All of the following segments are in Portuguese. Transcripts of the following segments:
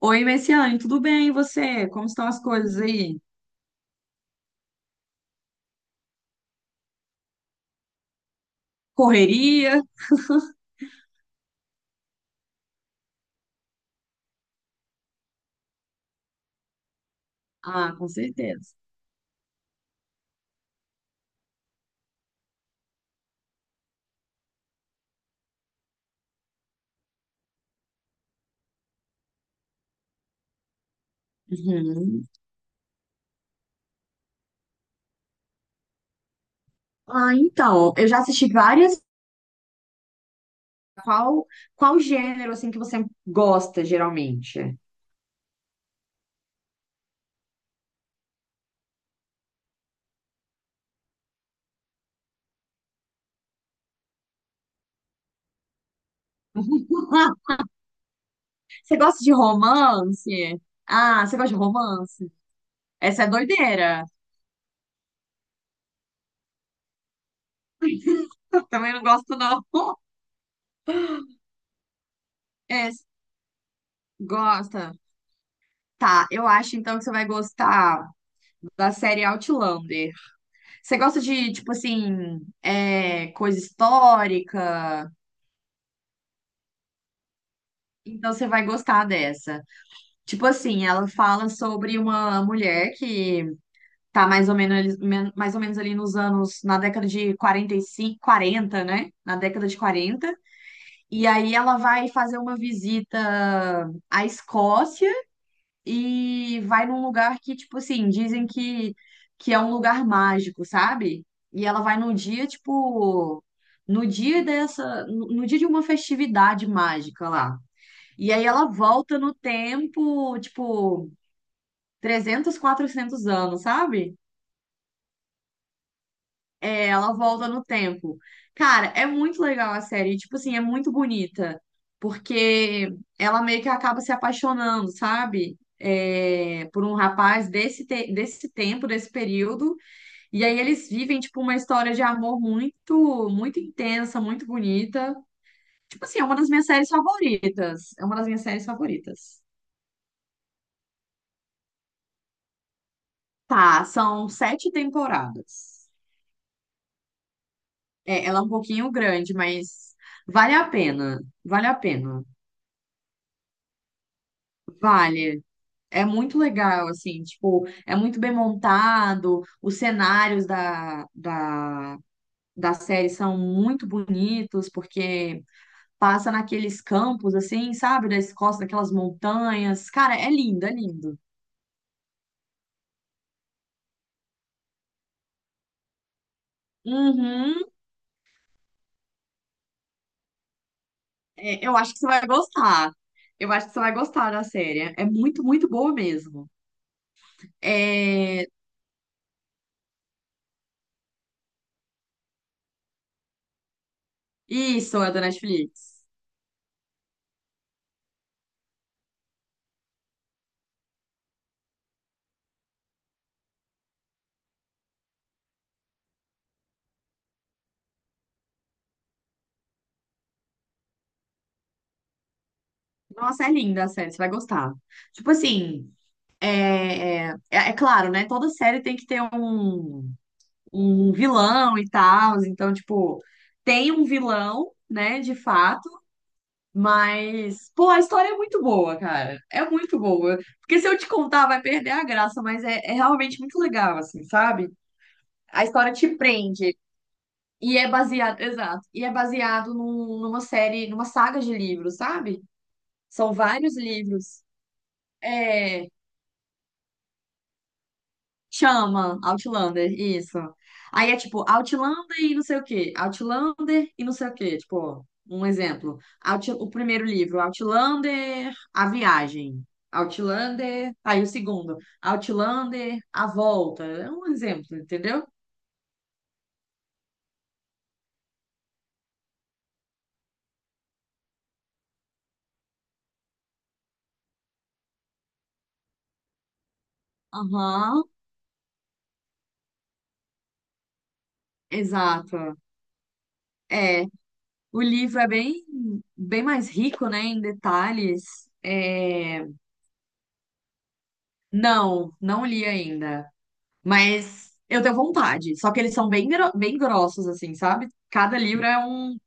Oi, Messiane, tudo bem? E você? Como estão as coisas aí? Correria? Ah, com certeza. Uhum. Ah, então, eu já assisti várias. Qual, qual gênero, assim, que você gosta, geralmente? Ah, você gosta de romance? Ah, você gosta de romance? Essa é doideira. Também não gosto, não. É, gosta. Tá, eu acho então que você vai gostar da série Outlander. Você gosta de, tipo assim, é, coisa histórica? Então você vai gostar dessa. Tipo assim, ela fala sobre uma mulher que tá mais ou menos, mais ou menos ali nos anos, na década de 45, 40, né? Na década de quarenta. E aí ela vai fazer uma visita à Escócia e vai num lugar que, tipo assim, dizem que é um lugar mágico, sabe? E ela vai no dia, tipo, no dia dessa, no dia de uma festividade mágica lá. E aí ela volta no tempo, tipo, 300, 400 anos, sabe? É, ela volta no tempo. Cara, é muito legal a série, tipo assim, é muito bonita, porque ela meio que acaba se apaixonando, sabe? É, por um rapaz desse, desse tempo, desse período, e aí eles vivem, tipo, uma história de amor muito, muito intensa, muito bonita. Tipo assim, é uma das minhas séries favoritas. É uma das minhas séries favoritas. Tá, são sete temporadas. É, ela é um pouquinho grande, mas vale a pena. Vale a pena. Vale. É muito legal, assim, tipo, é muito bem montado, os cenários da série são muito bonitos, porque passa naqueles campos, assim, sabe, da Escócia, daquelas montanhas. Cara, é lindo, é lindo. Uhum. É, eu acho que você vai gostar. Eu acho que você vai gostar da série. É muito, muito boa mesmo. É, isso, é da Netflix. Nossa, é linda a série, você vai gostar. Tipo assim, é claro, né? Toda série tem que ter um, um vilão e tal. Então, tipo, tem um vilão, né, de fato. Mas, pô, a história é muito boa, cara. É muito boa. Porque se eu te contar, vai perder a graça, mas é, é realmente muito legal, assim, sabe? A história te prende. E é baseado, exato. E é baseado numa série, numa saga de livros, sabe? São vários livros. É, chama Outlander, isso. Aí é tipo Outlander e não sei o quê, Outlander e não sei o quê, tipo, um exemplo. O primeiro livro, Outlander, A Viagem. Outlander, aí o segundo, Outlander, A Volta. É um exemplo, entendeu? Aham, exato. É, o livro é bem, bem mais rico, né, em detalhes. É, não, não li ainda. Mas eu tenho vontade. Só que eles são bem, bem grossos, assim, sabe? Cada livro é um,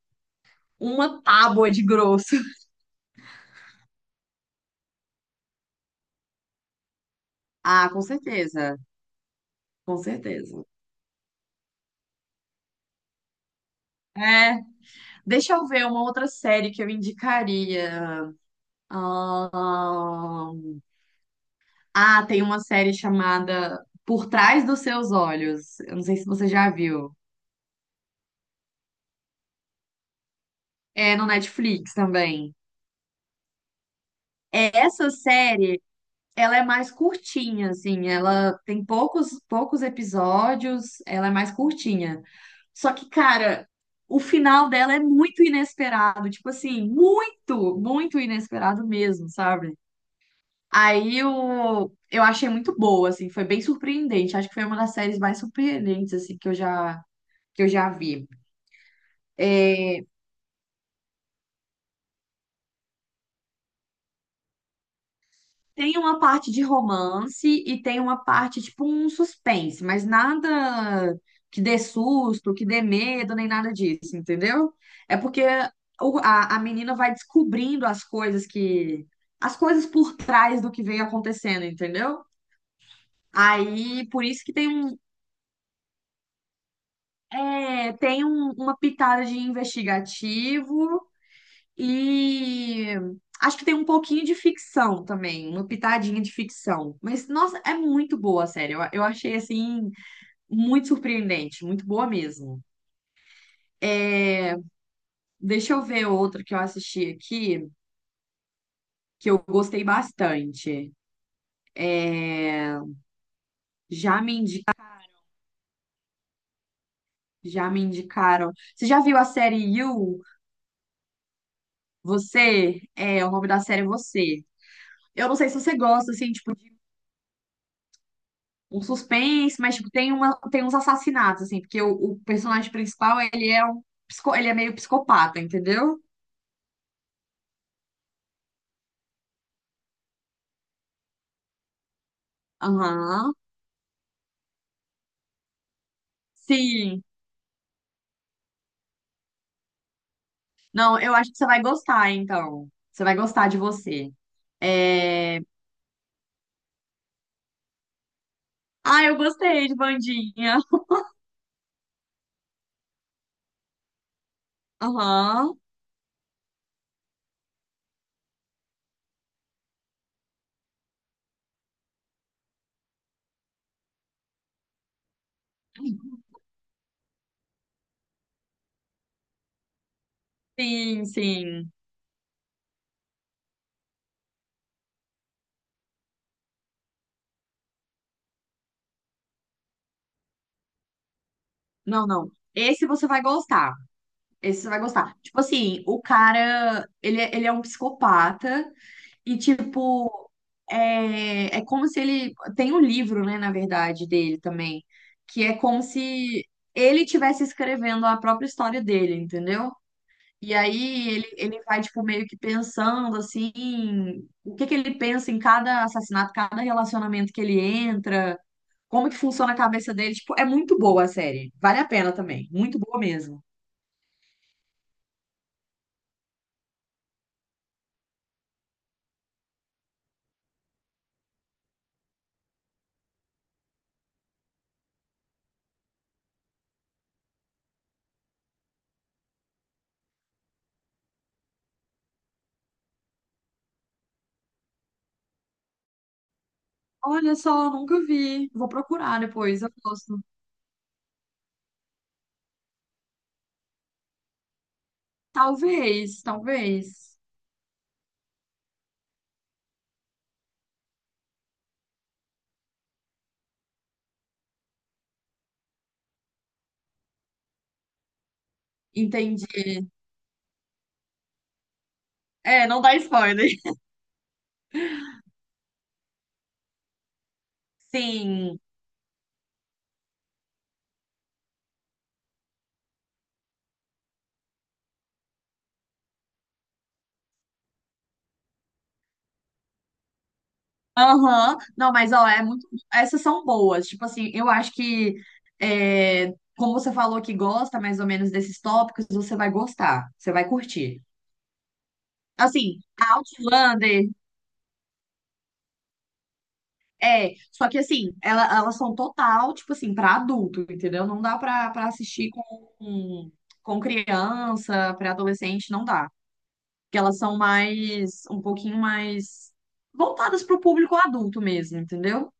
uma tábua de grosso. Ah, com certeza. Com certeza. É. Deixa eu ver uma outra série que eu indicaria. Ahn, Ah, tem uma série chamada Por Trás dos Seus Olhos. Eu não sei se você já viu. É no Netflix também. É, essa série ela é mais curtinha, assim, ela tem poucos, poucos episódios, ela é mais curtinha. Só que, cara, o final dela é muito inesperado, tipo assim, muito, muito inesperado mesmo, sabe? Aí eu achei muito boa, assim, foi bem surpreendente. Acho que foi uma das séries mais surpreendentes, assim, que eu já vi. Tem uma parte de romance e tem uma parte, tipo, um suspense, mas nada que dê susto, que dê medo, nem nada disso, entendeu? É porque a menina vai descobrindo as coisas que. As coisas por trás do que vem acontecendo, entendeu? Aí, por isso que tem um, é, tem um- uma pitada de investigativo. E acho que tem um pouquinho de ficção também, uma pitadinha de ficção. Mas, nossa, é muito boa a série. Eu achei, assim, muito surpreendente, muito boa mesmo. É, deixa eu ver outra que eu assisti aqui, que eu gostei bastante. É, já me indi- já me indicaram. Você já viu a série You? Você? É, o nome da série é Você. Eu não sei se você gosta, assim, tipo, um suspense, mas tipo, tem uma, tem uns assassinatos, assim, porque o personagem principal, ele é um, ele é meio psicopata, entendeu? Aham. Sim. Não, eu acho que você vai gostar, então. Você vai gostar de você. É... Ah, eu gostei de Bandinha. Aham. Sim, sim. Não, não. Esse você vai gostar. Esse você vai gostar. Tipo assim, o cara, ele, ele é um psicopata. E, tipo, é, é como se ele. Tem um livro, né, na verdade, dele também, que é como se ele estivesse escrevendo a própria história dele, entendeu? E aí ele vai, tipo, meio que pensando, assim, o que que ele pensa em cada assassinato, cada relacionamento que ele entra, como que funciona a cabeça dele. Tipo, é muito boa a série. Vale a pena também. Muito boa mesmo. Olha só, nunca vi. Vou procurar depois, eu gosto. Talvez, talvez. Entendi. É, não dá spoiler. Sim. Aham. Não, mas ó, é muito. Essas são boas. Tipo assim, eu acho que é, como você falou que gosta mais ou menos desses tópicos, você vai gostar, você vai curtir. Assim, a Outlander é, só que assim, ela, elas são total, tipo assim, pra adulto, entendeu? Não dá pra assistir com criança, pré-adolescente, não dá. Porque elas são mais, um pouquinho mais voltadas pro público adulto mesmo, entendeu?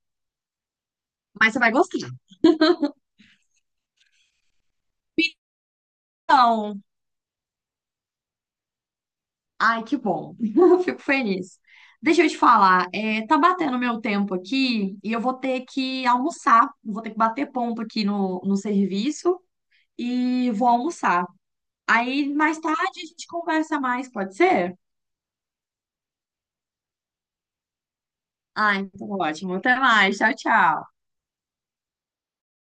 Mas você vai gostar. Então, ai, que bom. Fico feliz. Deixa eu te falar, é, tá batendo meu tempo aqui e eu vou ter que almoçar. Vou ter que bater ponto aqui no serviço e vou almoçar. Aí mais tarde a gente conversa mais, pode ser? Ai, tá ótimo. Até mais. Tchau, tchau.